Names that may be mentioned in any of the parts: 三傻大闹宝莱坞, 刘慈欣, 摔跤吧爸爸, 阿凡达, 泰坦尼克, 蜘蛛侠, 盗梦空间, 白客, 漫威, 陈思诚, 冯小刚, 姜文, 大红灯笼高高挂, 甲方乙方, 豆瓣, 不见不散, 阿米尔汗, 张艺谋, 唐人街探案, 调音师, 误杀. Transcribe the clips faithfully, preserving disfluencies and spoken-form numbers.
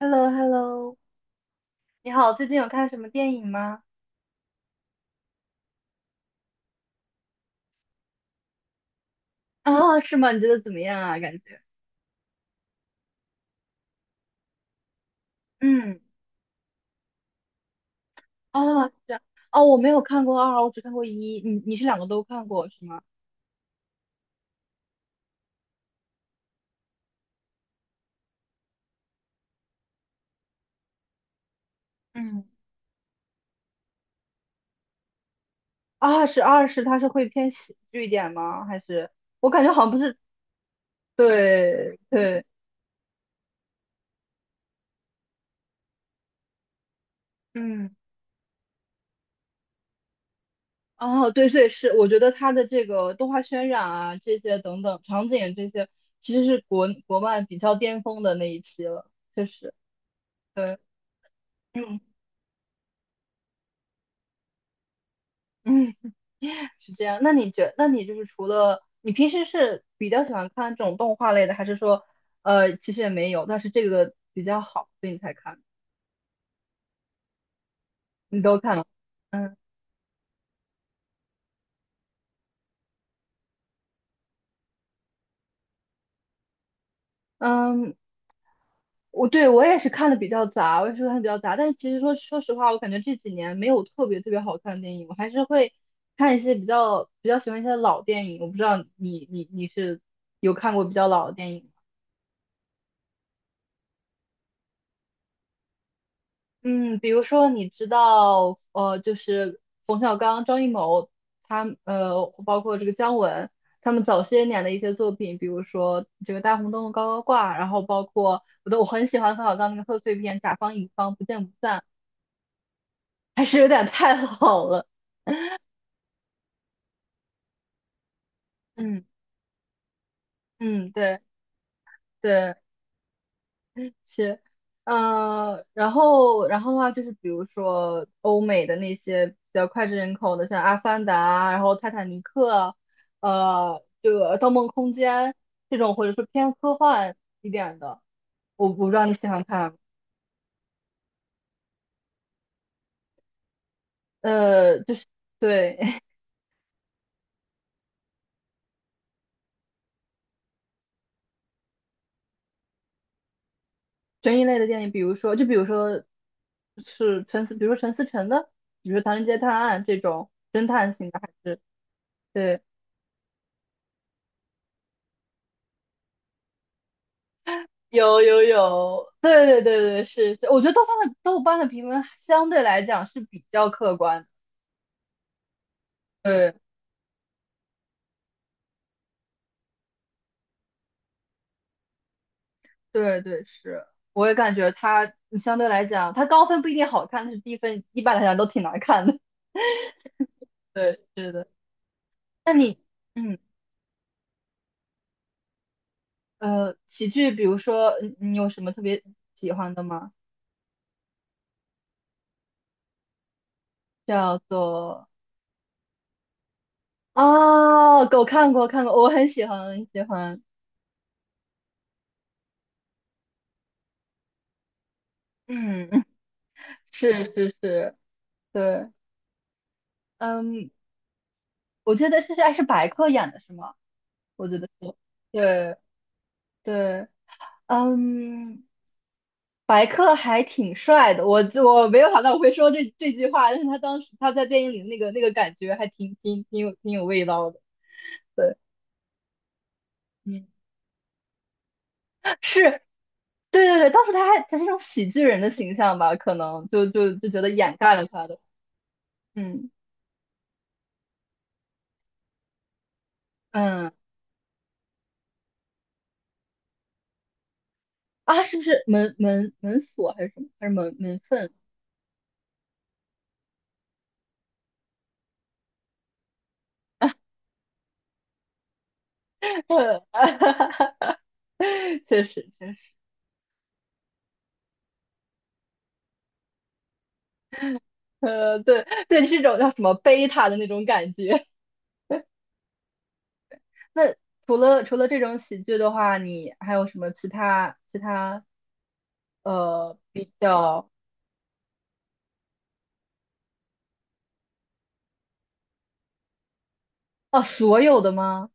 h e l l o h e l l o 你好，最近有看什么电影吗？啊，是吗？你觉得怎么样啊？感觉，嗯，啊是，样，哦，我没有看过二，我只看过一。你你是两个都看过是吗？嗯，二是二是它是会偏喜剧一点吗？还是我感觉好像不是，对对，嗯，哦，对对是，我觉得它的这个动画渲染啊，这些等等场景这些，其实是国国漫比较巅峰的那一批了，确实，对，嗯嗯。是这样。那你觉，那你就是除了你平时是比较喜欢看这种动画类的，还是说，呃，其实也没有，但是这个比较好，所以你才看，你都看了？嗯嗯，我对我也是看的比较杂，我也是看的比较杂。但是其实说说实话，我感觉这几年没有特别特别好看的电影，我还是会看一些比较比较喜欢一些老电影。我不知道你你你是有看过比较老的电影吗？嗯，比如说你知道，呃，就是冯小刚、张艺谋，他呃，包括这个姜文，他们早些年的一些作品，比如说这个《大红灯笼高高挂》，然后包括我都我很喜欢冯小刚那个贺岁片《甲方乙方不见不散》，还是有点太 老了。嗯嗯，对对。是，嗯、然后，然后的话就是，比如说欧美的那些比较脍炙人口的，像《阿凡达》，然后《泰坦尼克》，呃，这个《盗梦空间》这种，或者说偏科幻一点的，我不知道你喜欢看，呃，就是对 悬疑类的电影，比如说，就比如说是陈思，比如说陈思诚的，比如说《唐人街探案》这种侦探型的，还是对。有有有，对对对对，是是，我觉得豆瓣的豆瓣的评分相对来讲是比较客观的。对对对，是，我也感觉它相对来讲，它高分不一定好看，但是低分一般来讲都挺难看的。对，是的。那你，嗯呃，喜剧，比如说嗯你有什么特别喜欢的吗？叫做啊，狗看过看过，我很喜欢很喜欢。嗯，是是是，对，嗯，我觉得这是还是白客演的是吗？我觉得是，对对，嗯，白客还挺帅的，我我没有想到我会说这这句话，但是他当时他在电影里那个那个感觉还挺挺挺有挺有味道的，对，嗯，是，对对对，当时他还他是一种喜剧人的形象吧，可能就就就觉得掩盖了他的，嗯嗯。啊，是不是门门门锁还是什么？还是门门缝？确实，确实。呃，对对，是种叫什么贝塔的那种感觉。那除了除了这种喜剧的话，你还有什么其他其他呃比较，哦，所有的吗？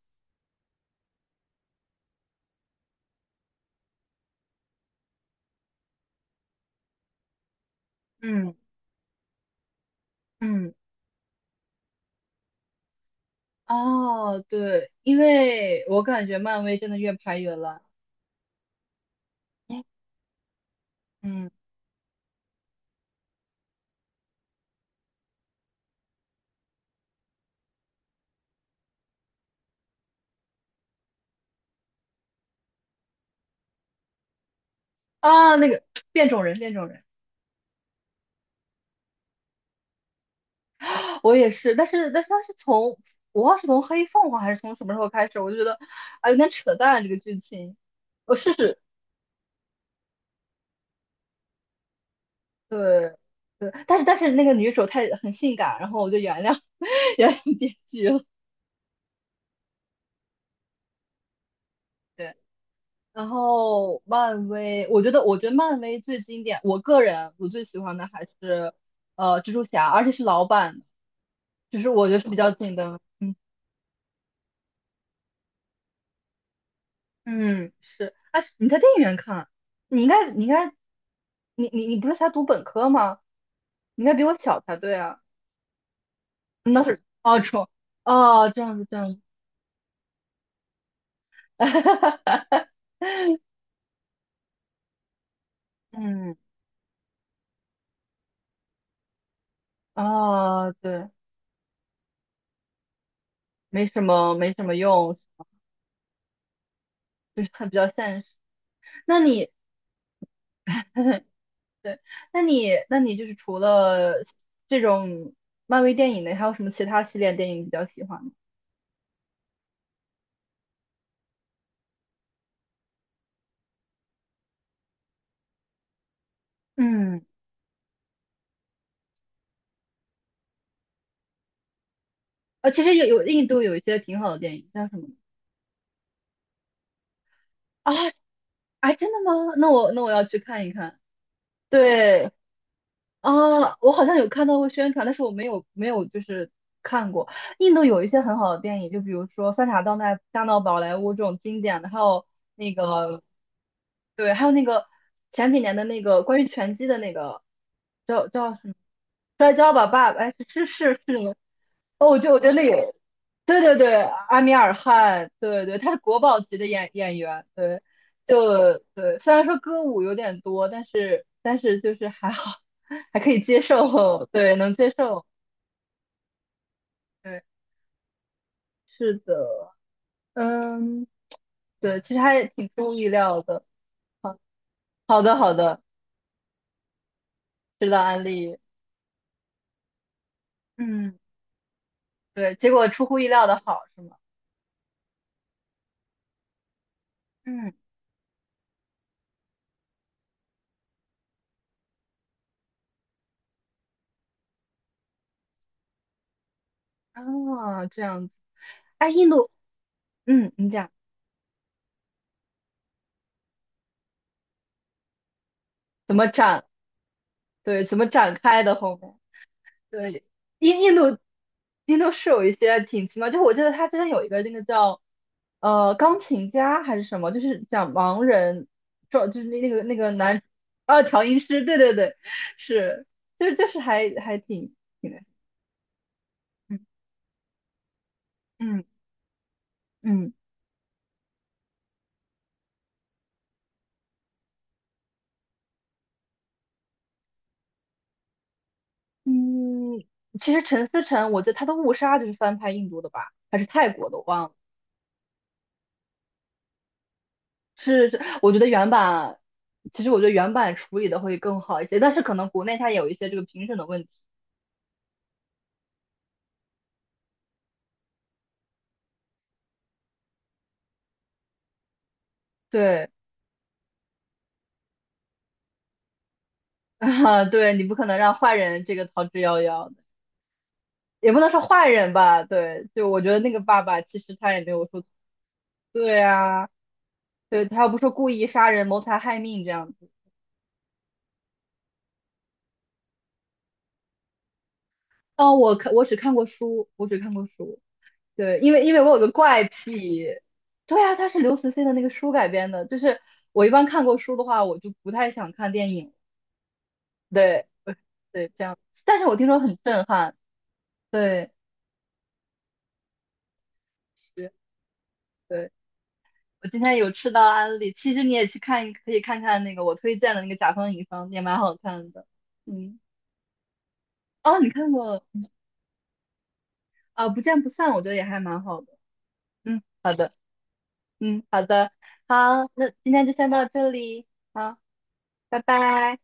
嗯嗯，哦，对，因为我感觉漫威真的越拍越烂。嗯，啊，那个变种人，变种人，我也是，但是但是他是从我忘了是从黑凤凰还是从什么时候开始，我就觉得啊有点扯淡这个剧情。我试试。对对，但是但是那个女主太很性感，然后我就原谅 原谅编剧了。对，然后漫威，我觉得我觉得漫威最经典，我个人我最喜欢的还是呃蜘蛛侠，而且是老版的，就是我觉得是比较紧的。嗯嗯，是。啊，你在电影院看，你应该你应该你你你不是才读本科吗？你应该比我小才对啊。那是哦，重哦，这样子这样子。哈哈哈嗯。啊，对，没什么没什么用，就是它比较现实。那你，对，那你那你就是除了这种漫威电影呢，还有什么其他系列电影比较喜欢吗？嗯，啊，其实有有印度有一些挺好的电影，叫什么？啊，哎，真的吗？那我那我要去看一看。对，啊，我好像有看到过宣传，但是我没有没有就是看过。印度有一些很好的电影，就比如说《三傻大闹大闹宝莱坞》这种经典的，还有那个对，还有那个前几年的那个关于拳击的那个叫叫什么《摔跤吧，爸爸》？哎，是是是是那个哦，我觉得我觉得那个对对对，阿米尔汗，对对，他是国宝级的演演员，对，就对，虽然说歌舞有点多，但是但是就是还好，还可以接受，对，能接受，对，是的，嗯，对，其实还挺出乎意料的，好，好的好的，知道安利，嗯，对，结果出乎意料的好是吗？嗯，啊，这样子，哎，印度，嗯，你讲怎么展，对，怎么展开的后面？对，印印度印度是有一些挺奇妙，就是我记得他之前有一个那个叫呃钢琴家还是什么，就是讲盲人，装就是那那个那个男啊调音师，对对对，是，就是就是还还挺挺那嗯嗯嗯嗯，其实陈思诚，我觉得他的《误杀》就是翻拍印度的吧，还是泰国的，我忘了。是是，我觉得原版，其实我觉得原版处理的会更好一些，但是可能国内它有一些这个评审的问题。对。啊，对你不可能让坏人这个逃之夭夭的，也不能说坏人吧，对，就我觉得那个爸爸其实他也没有说，对啊，对他又不是故意杀人、谋财害命这样子。哦，我看我只看过书，我只看过书，对，因为因为我有个怪癖，对啊，它是刘慈欣的那个书改编的，就是我一般看过书的话，我就不太想看电影，对，对，这样，但是我听说很震撼，对，是。对。我今天有吃到安利，其实你也去看，可以看看那个我推荐的那个《甲方乙方》，也蛮好看的。嗯，哦，你看过啊？不见不散，我觉得也还蛮好的。嗯，好的，嗯，好的，好，那今天就先到这里，好，拜拜。